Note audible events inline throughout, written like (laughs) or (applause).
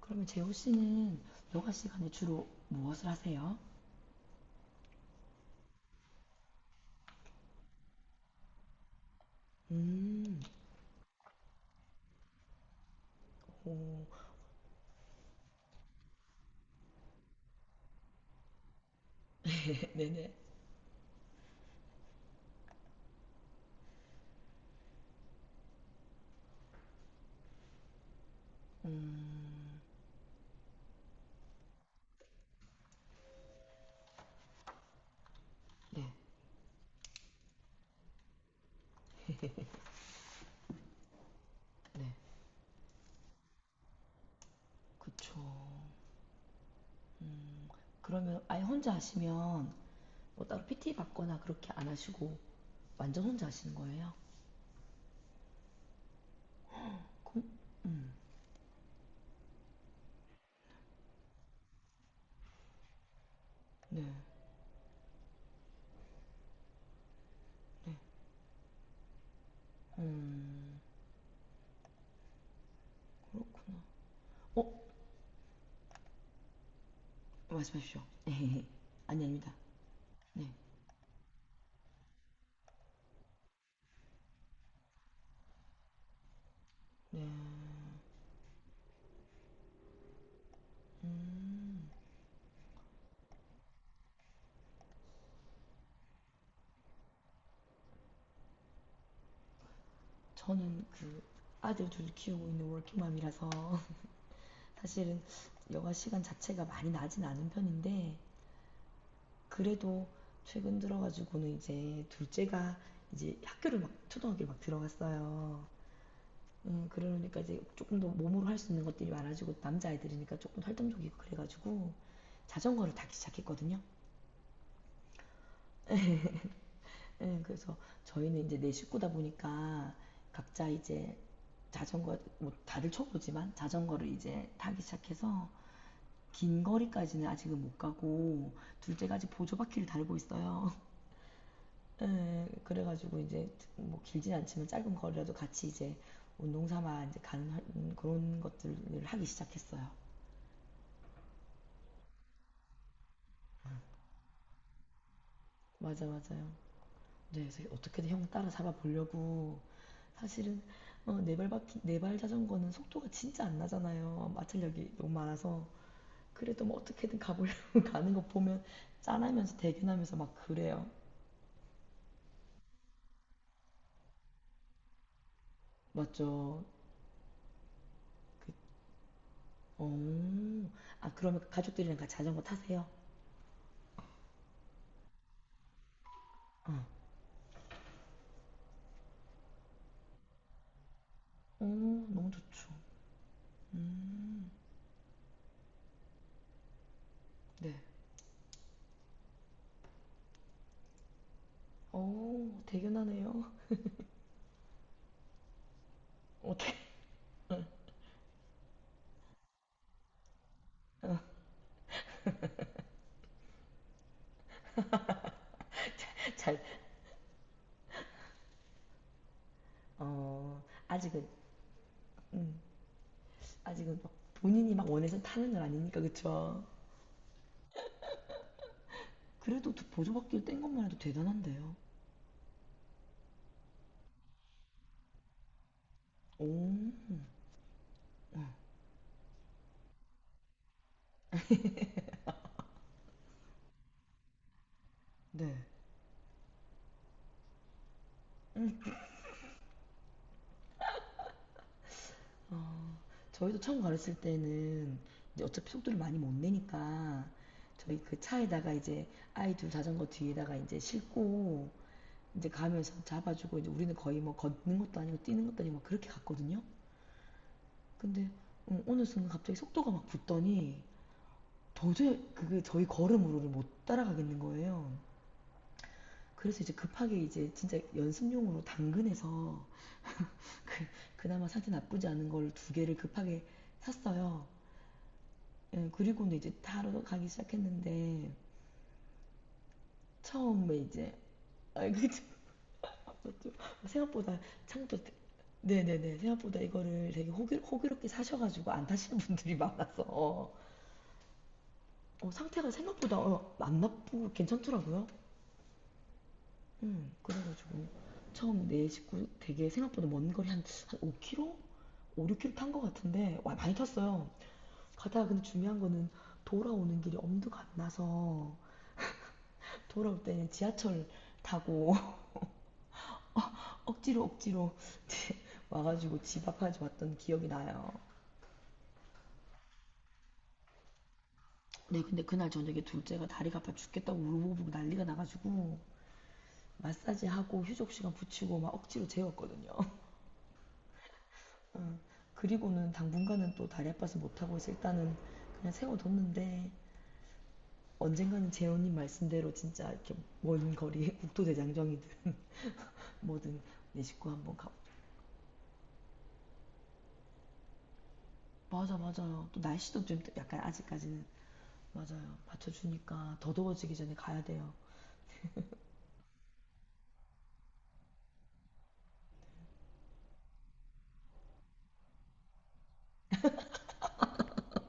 그러면 재호 씨는 여가 시간에 주로 무엇을 하세요? 음, 오, 네네. 네, 네, 그쵸. 그러면 아예 혼자 하시면 뭐 따로 PT 받거나 그렇게 안 하시고 완전 혼자 하시는 거예요? 그럼, 네, 네. 음, 그렇구나. 어, 말씀하십시오. (laughs) 아니, 아닙니다. 네. 저는 그 아들 둘 키우고 있는 워킹맘이라서 (laughs) 사실은 여가 시간 자체가 많이 나진 않은 편인데, 그래도 최근 들어가지고는 이제 둘째가 이제 학교를, 막 초등학교를 막 들어갔어요. 그러니까 이제 조금 더 몸으로 할 수 있는 것들이 많아지고, 남자아이들이니까 조금 활동적이고 그래가지고 자전거를 타기 시작했거든요. 예, 그래서 저희는 이제 네 식구다 보니까 각자 이제 자전거 뭐 다들 초보지만 자전거를 이제 타기 시작해서 긴 거리까지는 아직은 못 가고, 둘째가 아직 보조바퀴를 달고 있어요. 에, 그래가지고 이제 뭐 길진 않지만 짧은 거리라도 같이 이제 운동 삼아 이제 가는, 그런 것들을 하기 시작했어요. 맞아, 맞아요. 네, 그래서 어떻게든 형 따라 잡아보려고. 사실은 어, 네발 바퀴, 네발 자전거는 속도가 진짜 안 나잖아요. 마찰력이 너무 많아서. 그래도 뭐 어떻게든 가보려고 (laughs) 가는 거 보면 짠하면서 대견하면서 막 그래요. 맞죠? 어, 아 그러면 가족들이랑 같이 자전거 타세요? 어, 어, 너무 좋죠. 네. 어, 대견하네요. 어떻게. (laughs) 잘, 어, 아직은, 음, 아직은 막 본인이 막 원해서 타는 건 아니니까, 그쵸? 그래도 보조바퀴를 뗀 것만 해도 대단한데요. 오, 네. 어, 저희도 처음 가르칠 때는 이제 어차피 속도를 많이 못 내니까 저희 그 차에다가 이제 아이 둘 자전거 뒤에다가 이제 싣고 이제 가면서 잡아주고, 이제 우리는 거의 뭐 걷는 것도 아니고 뛰는 것도 아니고 막 그렇게 갔거든요. 근데 어느 순간 갑자기 속도가 막 붙더니 도저히 그 저희 걸음으로를 못 따라가겠는 거예요. 그래서 이제 급하게 이제 진짜 연습용으로 당근에서 그, 그나마 상태 나쁘지 않은 걸 두 개를 급하게 샀어요. 예, 그리고는 이제 타러 가기 시작했는데, 처음에 이제 아 이게 참 아팠죠. 생각보다. 창도 네네네 생각보다 이거를 되게 호기롭게 사셔가지고 안 타시는 분들이 많아서 어, 상태가 생각보다 어, 안 나쁘고 괜찮더라고요. 응, 그래가지고 처음 내 식구 되게 생각보다 먼 거리 한 5km? 5, 6km 탄 것 같은데 와, 많이 탔어요. 가다가 근데 중요한 거는 돌아오는 길이 엄두가 안 나서 돌아올 때는 지하철 타고 (laughs) 억지로 억지로 (laughs) 와가지고 집 앞까지 왔던 기억이 나요. 네, 근데 그날 저녁에 둘째가 다리가 아파 죽겠다고 울고불고 난리가 나가지고 마사지하고 휴족 시간 붙이고 막 억지로 재웠거든요. 그리고는 당분간은 또 다리 아파서 못하고 있어 일단은 그냥 세워뒀는데, 언젠가는 재훈님 말씀대로 진짜 이렇게 먼 거리에 (laughs) 국토대장정이든 뭐든 내 식구 한번 가. 맞아, 맞아요. 또 날씨도 좀 약간 아직까지는 맞아요, 받쳐주니까 더 더워지기 전에 가야 돼요.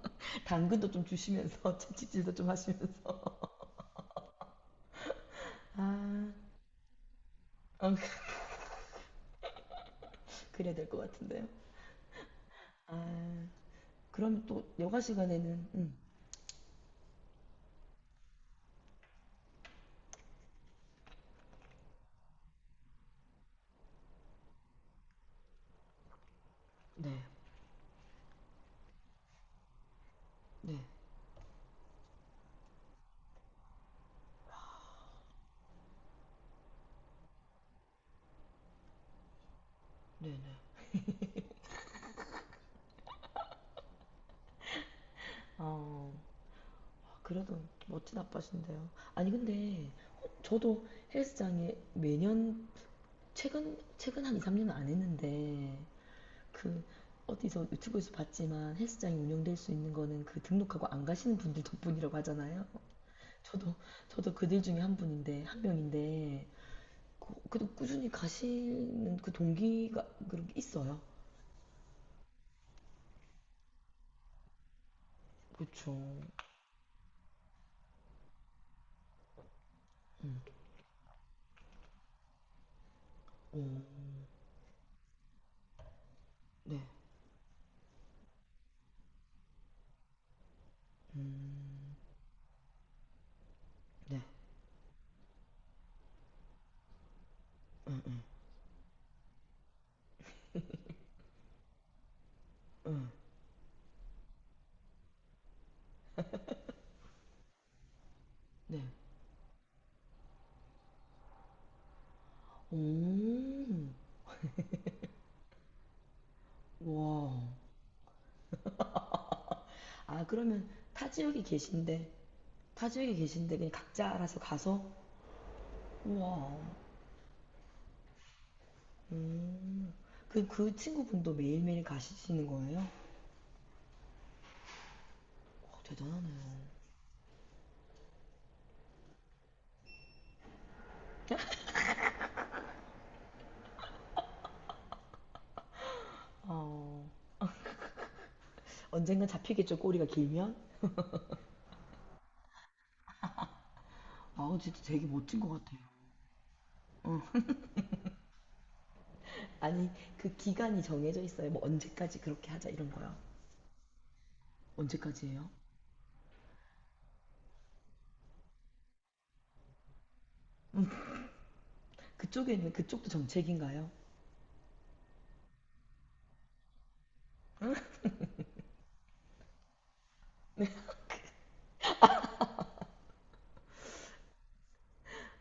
(laughs) 당근도 좀 주시면서 (laughs) 채찍질도 좀 하시면서. 아 어, (laughs) 그래야 될 것 같은데요. 아 그럼 또 여가 시간에는 네, 네, 네, 네. 어, 아, 그래도 멋진 아빠신데요. 아니, 근데 저도 헬스장에 매년, 최근 한 2, 3년은 안 했는데 그 어디서 유튜브에서 봤지만 헬스장이 운영될 수 있는 거는 그 등록하고 안 가시는 분들 덕분이라고 하잖아요. 저도, 저도 그들 중에 한 분인데, 한 명인데 그, 그래도 꾸준히 가시는 그 동기가 그런 게 있어요. 그렇죠. 오, 네. 음, 네. 응, 응, 응. 네. 오, 와. 아, 그러면 타 지역에 계신데, 타 지역에 계신데 그냥 각자 알아서 가서? 우와. 음. 그 친구분도 매일매일 가시는 거예요? 와, 대단하네요. 어, 언젠간 잡히겠죠, 꼬리가 길면? 아, 진짜 되게 멋진 것 같아요. 어. 아니, 그 기간이 정해져 있어요? 뭐, 언제까지 그렇게 하자, 이런 거요. 언제까지예요? 그쪽에는, 그쪽도 정책인가요?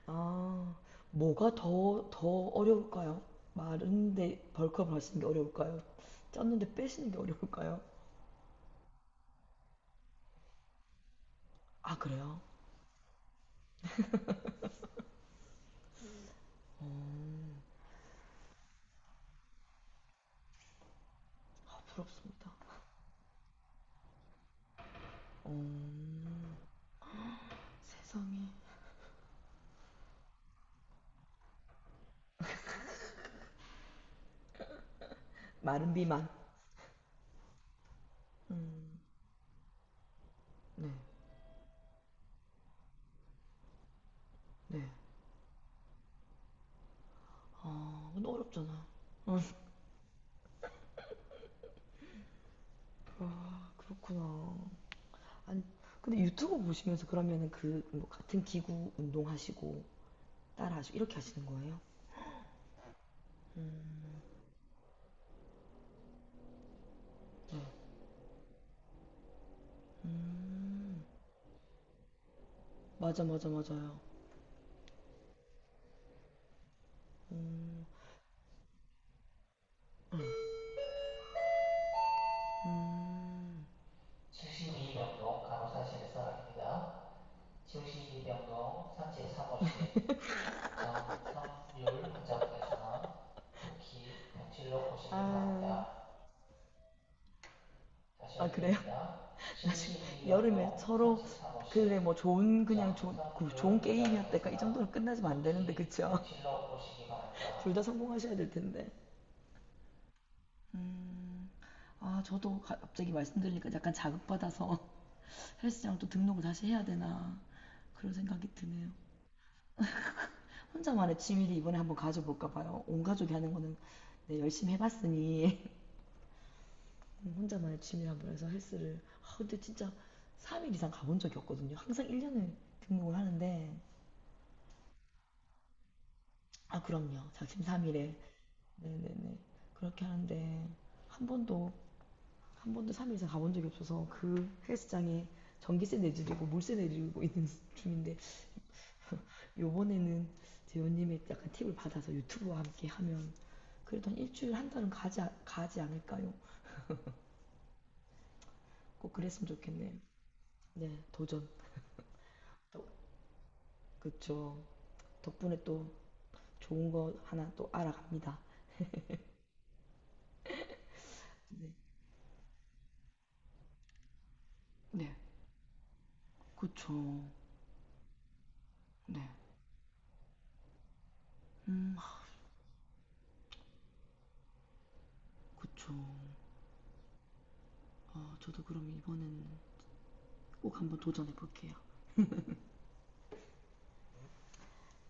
아, 뭐가 더 어려울까요? 마른데 벌크업을 하시는 게 어려울까요? 쪘는데 빼시는 게 어려울까요? 아, 그래요? 아, 부럽습니다. 음, 세상에. 마른 비만. 음. 네, 네. 아, 근데 어렵잖아. 아, 그렇구나. 아니, 근데 유튜브 보시면서 그러면은 그, 뭐 같은 기구 운동하시고, 따라하시고, 이렇게 하시는 거예요? 네. 음, 맞아, 맞아, 맞아요. 음, 음. 칠십이명동 간호사실에서 아닙니다. 칠십이명동 삼재 사무실 정성률 환자분께서는 특히 병실로 오시기 아 바랍니다. 다시 아, 그래요? (laughs) 나 여름에 서로 그래 뭐 좋은 그냥 좋은 그 좋은 게임이었다까이 정도로 끝나지면 안 되는데 그쵸? (laughs) 둘 다 성공하셔야 될 텐데. 음, 아 저도 갑자기 말씀드리니까 약간 자극받아서 (laughs) 헬스장 또 등록을 다시 해야 되나 그런 생각이 드네요. 혼자만의 취미를 이번에 한번 가져볼까 봐요. 온 가족이 하는 거는 네, 열심히 해봤으니 혼자만의 취미를 한번 해서 헬스를. 아 근데 진짜 3일 이상 가본 적이 없거든요. 항상 1년을 등록을 하는데 아 그럼요. 작심 3일에 네네네 그렇게 하는데 한 번도 한 번도 3일 이상 가본 적이 없어서 그 헬스장에 전기세 내드리고 물세 내드리고 있는 중인데 요번에는 재훈님의 약간 팁을 받아서 유튜브와 함께 하면 그래도 한 일주일 한 달은 가지 않을까요? 꼭 그랬으면 좋겠네요. 네, 도전. 또, 그쵸. 덕분에 또 좋은 거 하나 또 알아갑니다. 네, 그쵸. 네, 음, 그쵸. 아, 저도 그럼 이번에는 꼭 한번 도전해 볼게요.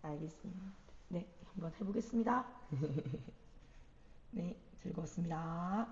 알겠습니다. 네, 한번 해보겠습니다. 네, 즐거웠습니다.